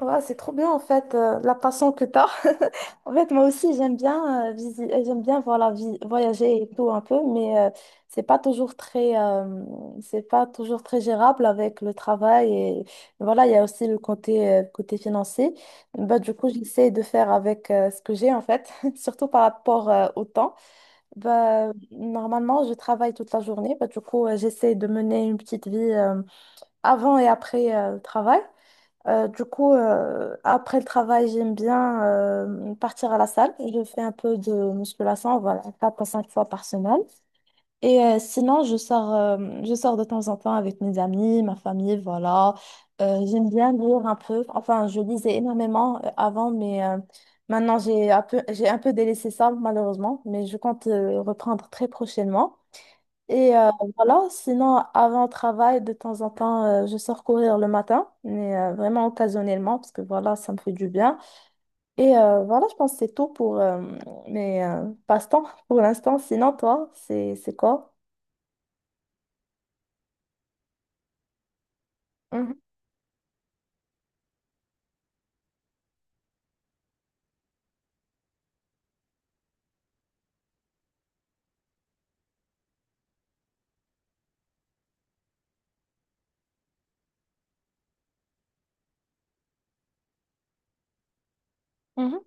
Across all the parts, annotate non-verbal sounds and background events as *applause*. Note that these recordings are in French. Ouais, c'est trop bien en fait, la passion que t'as. *laughs* En fait, moi aussi j'aime bien j'aime bien voilà, voyager et tout un peu, mais c'est pas toujours très euh, c'est pas toujours très gérable avec le travail et voilà, il y a aussi le côté financier. Bah du coup, j'essaie de faire avec ce que j'ai en fait, *laughs* surtout par rapport au temps. Bah normalement, je travaille toute la journée, bah du coup, j'essaie de mener une petite vie avant et après le travail. Du coup, après le travail, j'aime bien partir à la salle. Je fais un peu de musculation, voilà, 4 à 5 fois par semaine. Et sinon, je sors de temps en temps avec mes amis, ma famille, voilà. J'aime bien lire un peu. Enfin, je lisais énormément avant, mais maintenant, j'ai un peu délaissé ça, malheureusement. Mais je compte reprendre très prochainement. Et voilà, sinon, avant le travail, de temps en temps, je sors courir le matin, mais vraiment occasionnellement, parce que voilà, ça me fait du bien. Et voilà, je pense que c'est tout pour mes passe-temps *laughs* pour l'instant. Sinon, toi, c'est quoi? Mhm, mhm.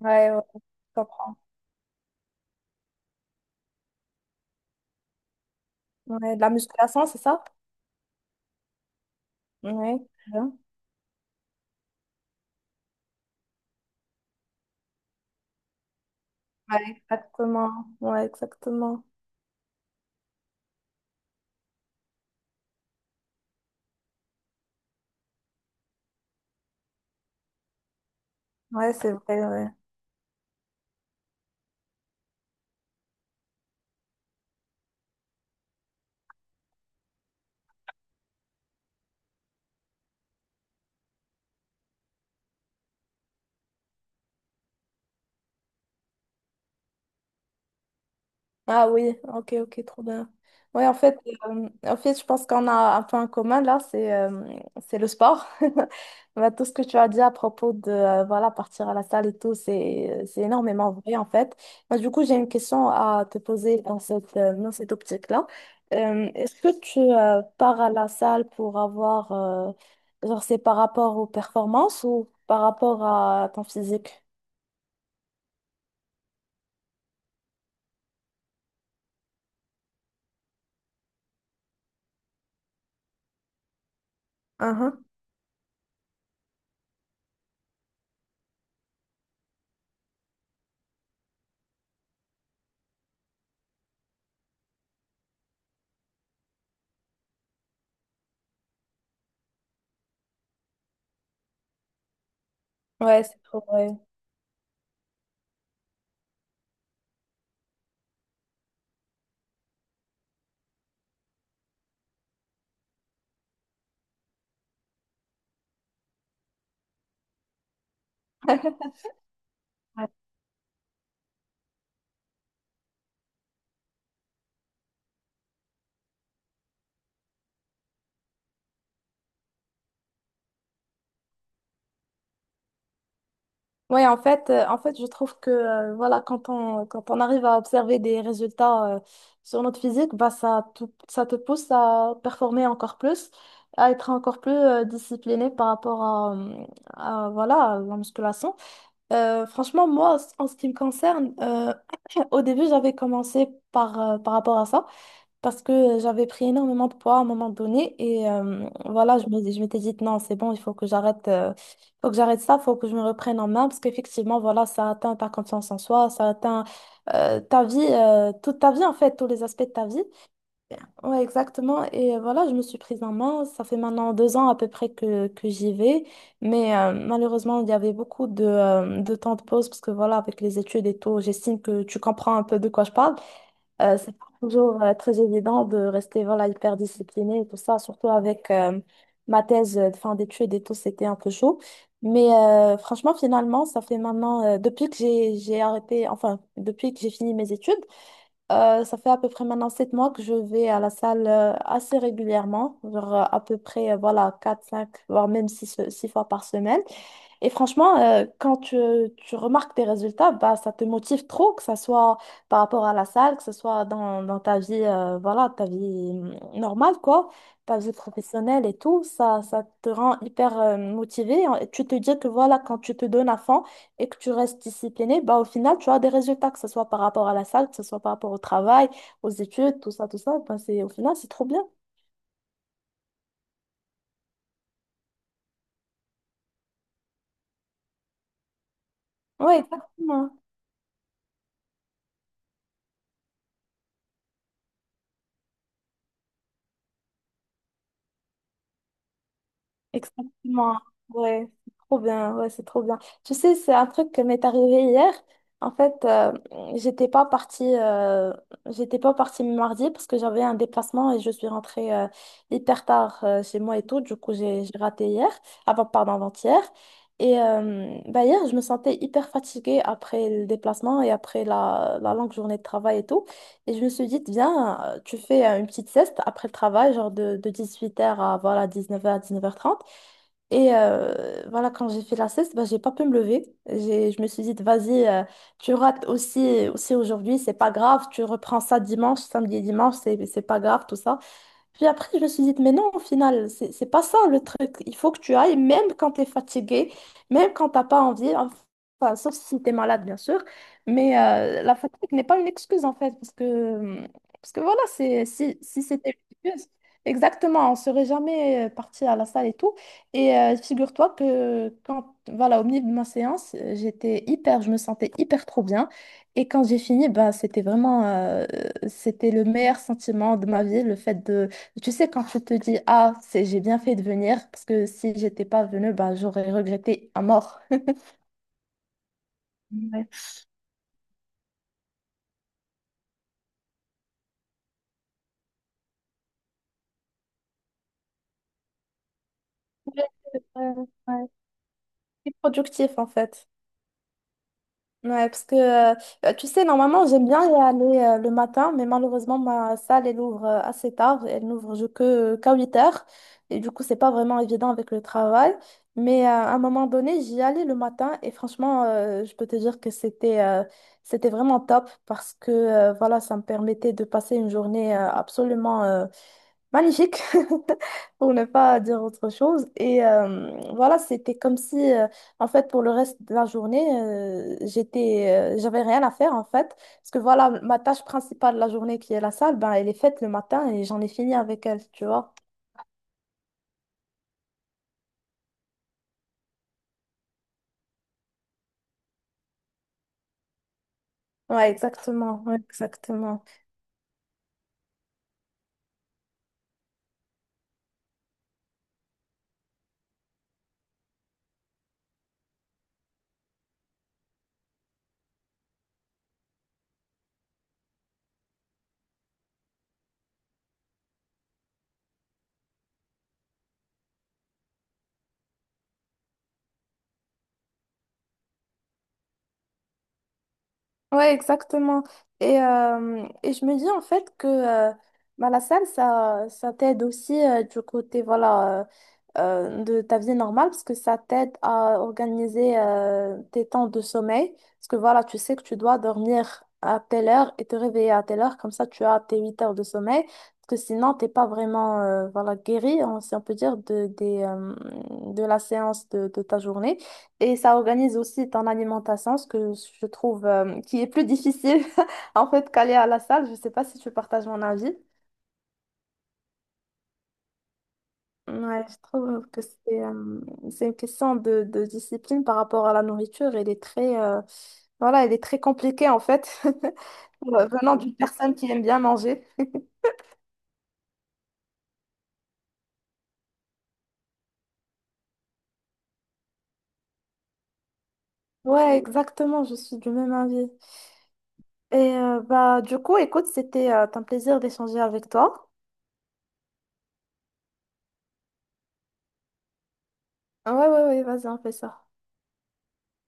Ouais, ouais, je comprends. Ouais, de la musculation, c'est ça? Ouais, bien. Ouais. Exactement. Ouais, exactement. Ouais, c'est vrai, ouais. Ah oui, ok, ok, trop bien. Oui, en fait, je pense qu'on a un peu en commun là, c'est le sport. *laughs* Bah, tout ce que tu as dit à propos de voilà, partir à la salle et tout, c'est énormément vrai en fait. Moi, du coup, j'ai une question à te poser dans cette optique-là. Est-ce que tu pars à la salle pour avoir, genre, c'est par rapport aux performances ou par rapport à ton physique? Mhm. Ouais, c'est trop vrai. Oui, en fait, je trouve que voilà, quand quand on arrive à observer des résultats sur notre physique, bah, ça te pousse à performer encore plus, à être encore plus discipliné par rapport à la musculation. Franchement, moi, en ce qui me concerne, *clears throat* au début, j'avais commencé par rapport à ça parce que j'avais pris énormément de poids à un moment donné et voilà, je m'étais dit non, c'est bon, il faut que j'arrête ça, faut que je me reprenne en main parce qu'effectivement, voilà, ça atteint ta confiance en soi, ça atteint ta vie, toute ta vie en fait, tous les aspects de ta vie. Ouais, exactement. Et voilà, je me suis prise en main. Ça fait maintenant 2 ans à peu près que j'y vais. Mais malheureusement, il y avait beaucoup de temps de pause parce que voilà, avec les études et tout, j'estime que tu comprends un peu de quoi je parle. C'est pas toujours très évident de rester voilà, hyper discipliné et tout ça, surtout avec ma thèse de fin d'études et tout, c'était un peu chaud. Mais franchement, finalement, ça fait maintenant, depuis que j'ai arrêté, enfin, depuis que j'ai fini mes études, ça fait à peu près maintenant 7 mois que je vais à la salle assez régulièrement, genre à peu près voilà, 4 5 voire même 6 fois par semaine. Et franchement, quand tu remarques tes résultats, bah, ça te motive trop, que ce soit par rapport à la salle, que ce soit dans ta vie, voilà, ta vie normale, quoi, ta vie professionnelle et tout, ça te rend hyper motivé. Tu te dis que voilà, quand tu te donnes à fond, et que tu restes discipliné, bah, au final, tu as des résultats, que ce soit par rapport à la salle, que ce soit par rapport au travail, aux études, tout ça, tout ça. Bah, c'est, au final, c'est trop bien. Oui, exactement. Exactement. Ouais, c'est trop bien. Ouais, c'est trop bien. Tu sais, c'est un truc qui m'est arrivé hier. En fait, j'étais pas partie, euh, j'étais pas partie mardi parce que j'avais un déplacement et je suis rentrée hyper tard chez moi et tout. Du coup, j'ai raté hier, avant, pardon, avant-hier. Et bah, hier, je me sentais hyper fatiguée après le déplacement et après la longue journée de travail et tout. Et je me suis dit, viens, tu fais une petite sieste après le travail, genre de 18 h à voilà, dix neuf heures trente. Et voilà, quand j'ai fait la sieste, bah, j'ai pas pu me lever. Je me suis dit, vas-y, tu rates aussi aujourd'hui, c'est pas grave, tu reprends ça dimanche, samedi et dimanche, c'est pas grave, tout ça. Puis après, je me suis dit, mais non, au final, c'est pas ça le truc. Il faut que tu ailles, même quand tu es fatigué, même quand t'as pas envie, enfin, sauf si tu es malade, bien sûr. Mais la fatigue n'est pas une excuse, en fait, parce que voilà, c'est, si c'était une excuse, exactement, on serait jamais parti à la salle et tout. Et figure-toi que quand, voilà, au milieu de ma séance, j'étais hyper, je me sentais hyper trop bien. Et quand j'ai fini, bah, c'était le meilleur sentiment de ma vie, le fait de tu sais, quand tu te dis, ah, c'est, j'ai bien fait de venir, parce que si j'étais pas venue, bah, j'aurais regretté à mort. *laughs* Ouais. Ouais, ouais. C'est productif en fait. Ouais, parce que tu sais, normalement, j'aime bien y aller le matin, mais malheureusement, ma salle, elle ouvre assez tard. Elle n'ouvre je- que qu'à 8 h. Et du coup, c'est pas vraiment évident avec le travail. Mais à un moment donné, j'y allais le matin. Et franchement, je peux te dire que c'était vraiment top parce que voilà, ça me permettait de passer une journée absolument magnifique, *laughs* pour ne pas dire autre chose. Et voilà, c'était comme si, en fait, pour le reste de la journée, j'avais rien à faire, en fait. Parce que voilà, ma tâche principale de la journée, qui est la salle, ben, elle est faite le matin et j'en ai fini avec elle, tu vois. Ouais, exactement, ouais, exactement. Ouais, exactement. Et je me dis en fait que bah, la salle, ça t'aide aussi du côté voilà, de ta vie normale, parce que ça t'aide à organiser tes temps de sommeil. Parce que voilà, tu sais que tu dois dormir à telle heure et te réveiller à telle heure, comme ça tu as tes 8 heures de sommeil. Parce que sinon, t'es pas vraiment voilà, guéri, si on peut dire, de la séance de ta journée. Et ça organise aussi ton alimentation, ce que je trouve qui est plus difficile *laughs* en fait qu'aller à la salle. Je ne sais pas si tu partages mon avis. Ouais, je trouve que c'est une question de discipline par rapport à la nourriture. Elle est très compliquée en fait, *laughs* venant d'une personne qui aime bien manger. *laughs* Ouais, exactement, je suis du même avis. Et bah, du coup, écoute, c'était un plaisir d'échanger avec toi. Ouais, ouais, ouais, vas-y, on fait ça.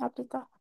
À plus tard.